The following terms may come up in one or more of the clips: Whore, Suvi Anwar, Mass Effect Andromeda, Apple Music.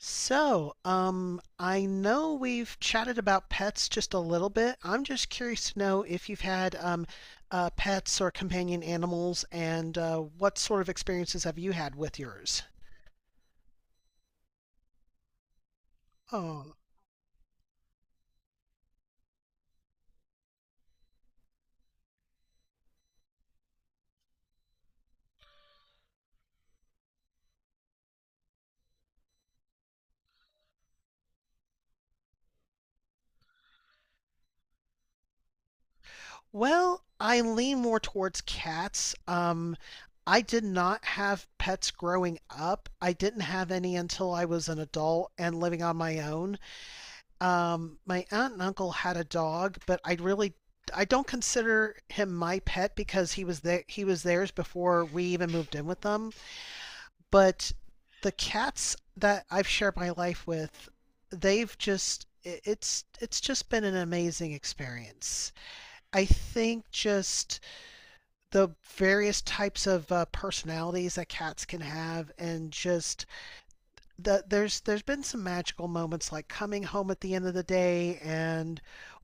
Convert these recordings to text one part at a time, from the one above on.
I know we've chatted about pets just a little bit. I'm just curious to know if you've had pets or companion animals, and what sort of experiences have you had with yours? Oh, well, I lean more towards cats. I did not have pets growing up. I didn't have any until I was an adult and living on my own. My aunt and uncle had a dog, but I really, I don't consider him my pet because he was theirs before we even moved in with them. But the cats that I've shared my life with, they've just, it's just been an amazing experience. I think just the various types of personalities that cats can have, and just there's been some magical moments, like coming home at the end of the day and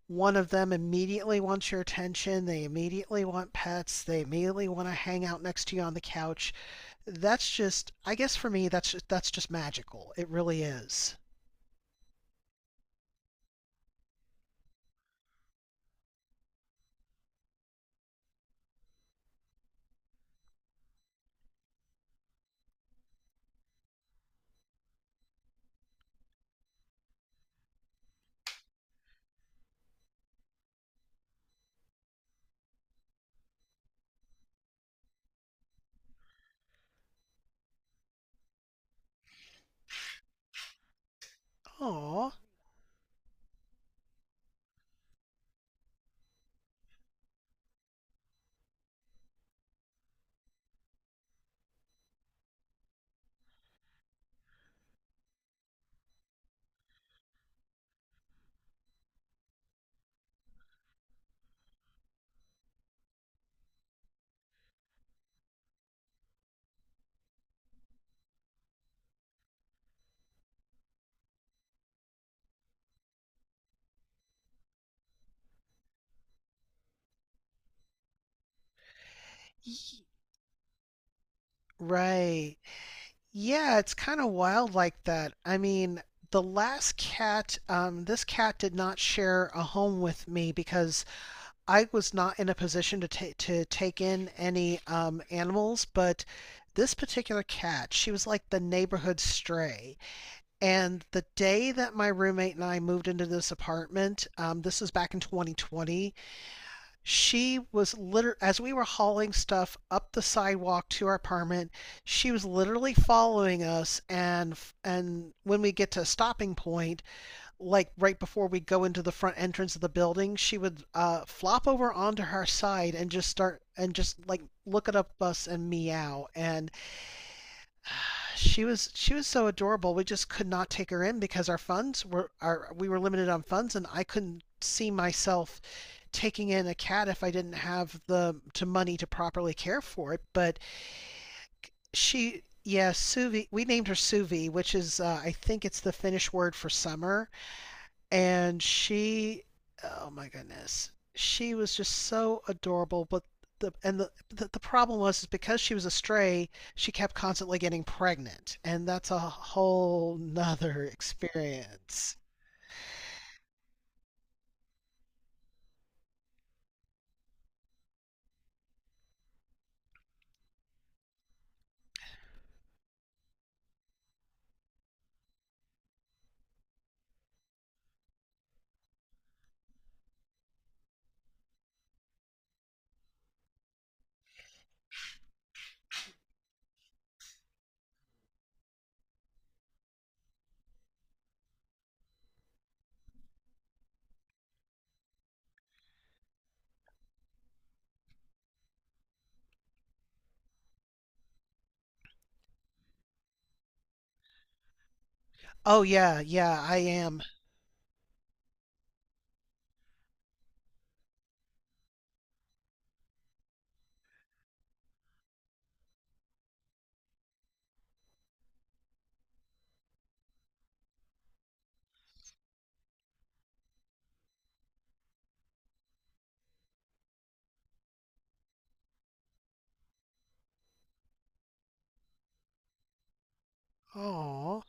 one of them immediately wants your attention, they immediately want pets, they immediately want to hang out next to you on the couch. That's just, I guess for me, that's just magical. It really is. Oh, right, yeah, it's kind of wild like that. I mean, the last cat, this cat did not share a home with me because I was not in a position to to take in any animals, but this particular cat, she was like the neighborhood stray. And the day that my roommate and I moved into this apartment, this was back in 2020, she was literally, as we were hauling stuff up the sidewalk to our apartment, she was literally following us. And when we get to a stopping point, like right before we go into the front entrance of the building, she would flop over onto her side and just start, and just like look at us and meow. And she was so adorable. We just could not take her in because our funds were our we were limited on funds, and I couldn't see myself taking in a cat if I didn't have the to money to properly care for it. But she. Yeah, Suvi. We named her Suvi, which is I think it's the Finnish word for summer. And she, oh my goodness, she was just so adorable. But the and the the problem was is because she was a stray, she kept constantly getting pregnant, and that's a whole nother experience. Oh yeah, yeah, I am. Oh.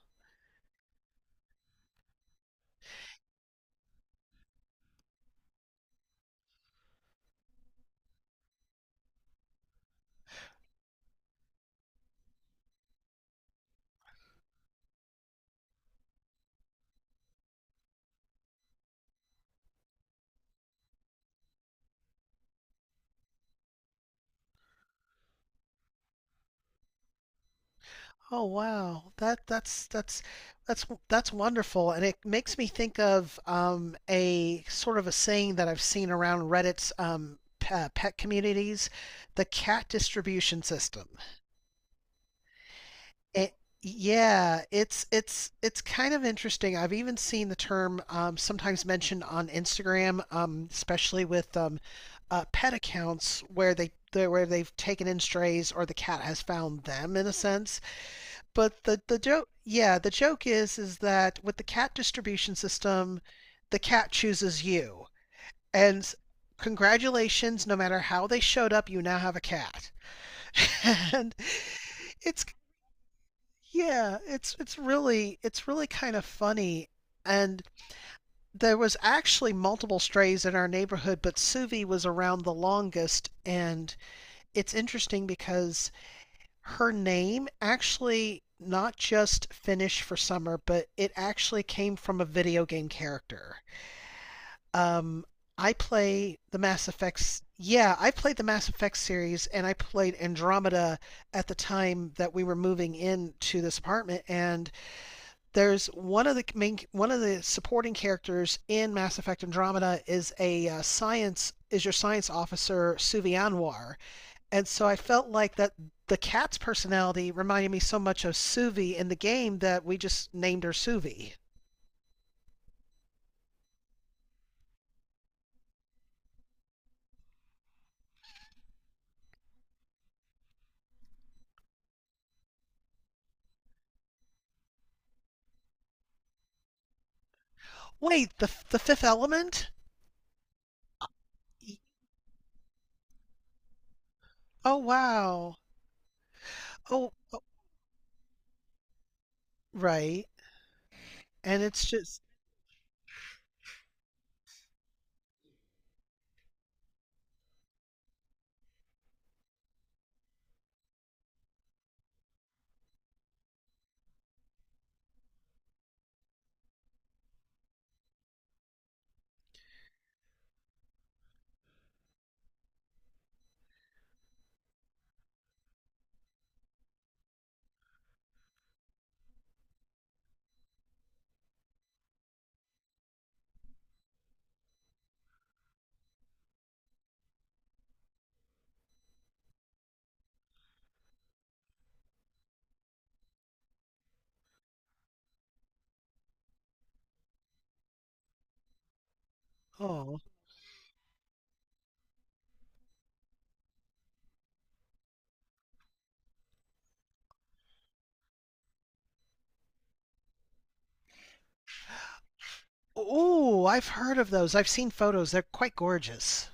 Oh wow. That's wonderful, and it makes me think of a sort of a saying that I've seen around Reddit's pet communities, the cat distribution system. It, yeah, it's kind of interesting. I've even seen the term sometimes mentioned on Instagram, especially with pet accounts where they've taken in strays, or the cat has found them in a sense. But the joke, yeah, the joke is that with the cat distribution system, the cat chooses you. And congratulations, no matter how they showed up, you now have a cat. And it's, yeah, it's really kind of funny. And there was actually multiple strays in our neighborhood, but Suvi was around the longest. And it's interesting because her name actually not just Finnish for summer, but it actually came from a video game character. Um, I play the Mass Effect. Yeah, I played the Mass Effect series, and I played Andromeda at the time that we were moving into this apartment. And there's one of the supporting characters in Mass Effect Andromeda is a science is your science officer Suvi Anwar, and so I felt like that the cat's personality reminded me so much of Suvi in the game that we just named her Suvi. Wait, the fifth element? Oh wow. Oh, oh, right. And it's just oh. Oh, I've heard of those. I've seen photos. They're quite gorgeous.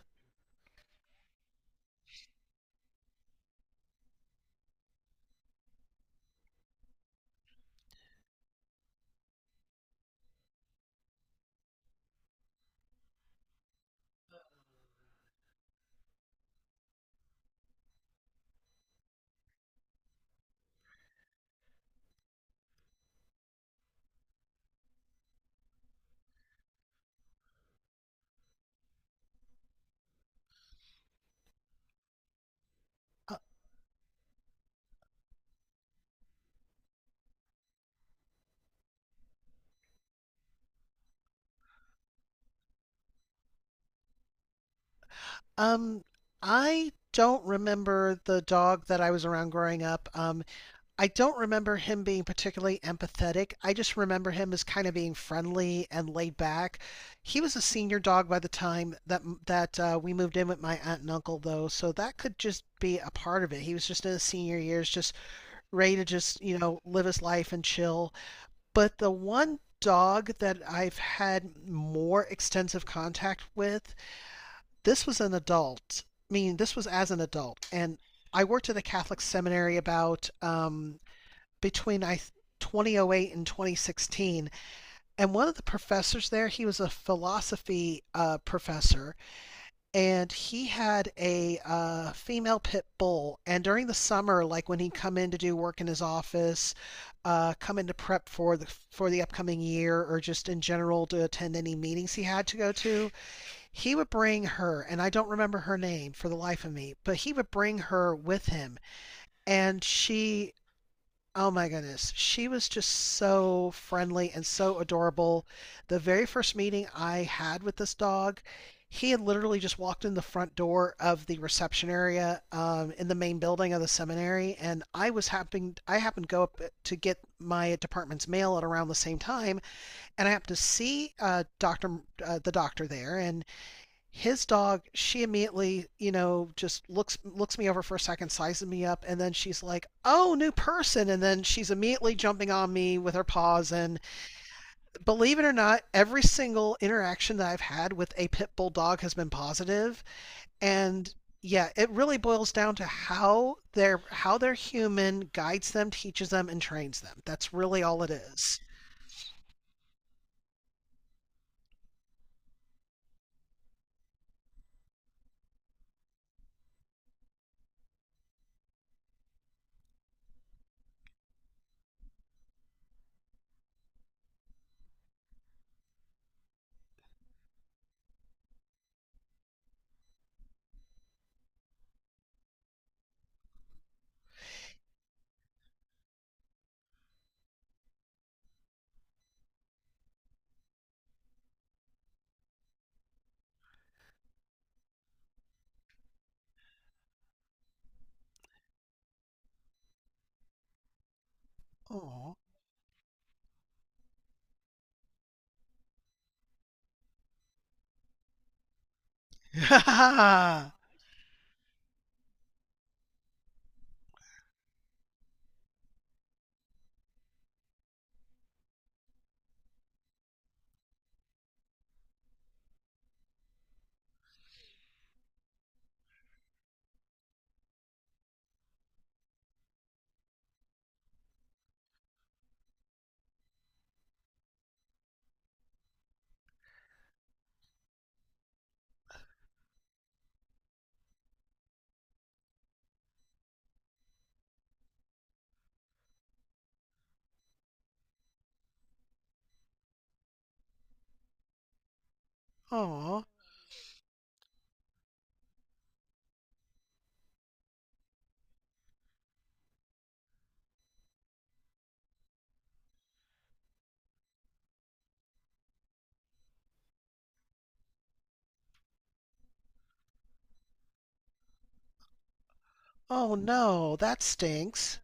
Uh, um, I don't remember the dog that I was around growing up. I don't remember him being particularly empathetic. I just remember him as kind of being friendly and laid back. He was a senior dog by the time that we moved in with my aunt and uncle, though, so that could just be a part of it. He was just in his senior years, just ready to just, you know, live his life and chill. But the one dog that I've had more extensive contact with, this was an adult. I mean, this was as an adult, and I worked at a Catholic seminary about between I 2008 and 2016. And one of the professors there, he was a philosophy professor, and he had a female pit bull. And during the summer, like when he'd come in to do work in his office, come in to prep for the upcoming year, or just in general to attend any meetings he had to go to, he would bring her. And I don't remember her name for the life of me, but he would bring her with him, and she, oh my goodness, she was just so friendly and so adorable. The very first meeting I had with this dog, he had literally just walked in the front door of the reception area in the main building of the seminary, and I happened to go up to get my department's mail at around the same time, and I happened to see the doctor there, and his dog, she immediately, you know, just looks me over for a second, sizes me up, and then she's like, oh, new person, and then she's immediately jumping on me with her paws. And believe it or not, every single interaction that I've had with a pit bull dog has been positive. And yeah, it really boils down to how their human guides them, teaches them, and trains them. That's really all it is. Oh. Oh. Oh no, that stinks.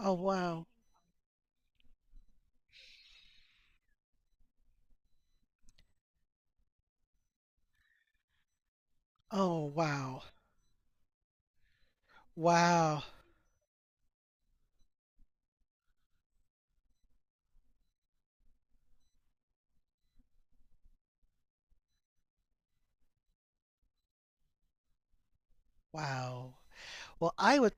Oh wow. Oh, wow. Wow. Wow. Well, I would,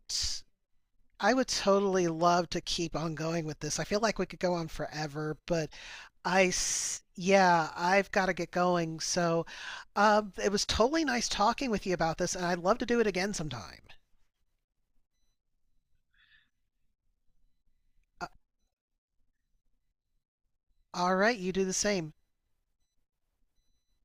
I would totally love to keep on going with this. I feel like we could go on forever, but yeah, I've got to get going. So, it was totally nice talking with you about this, and I'd love to do it again sometime. Uh, all right, you do the same.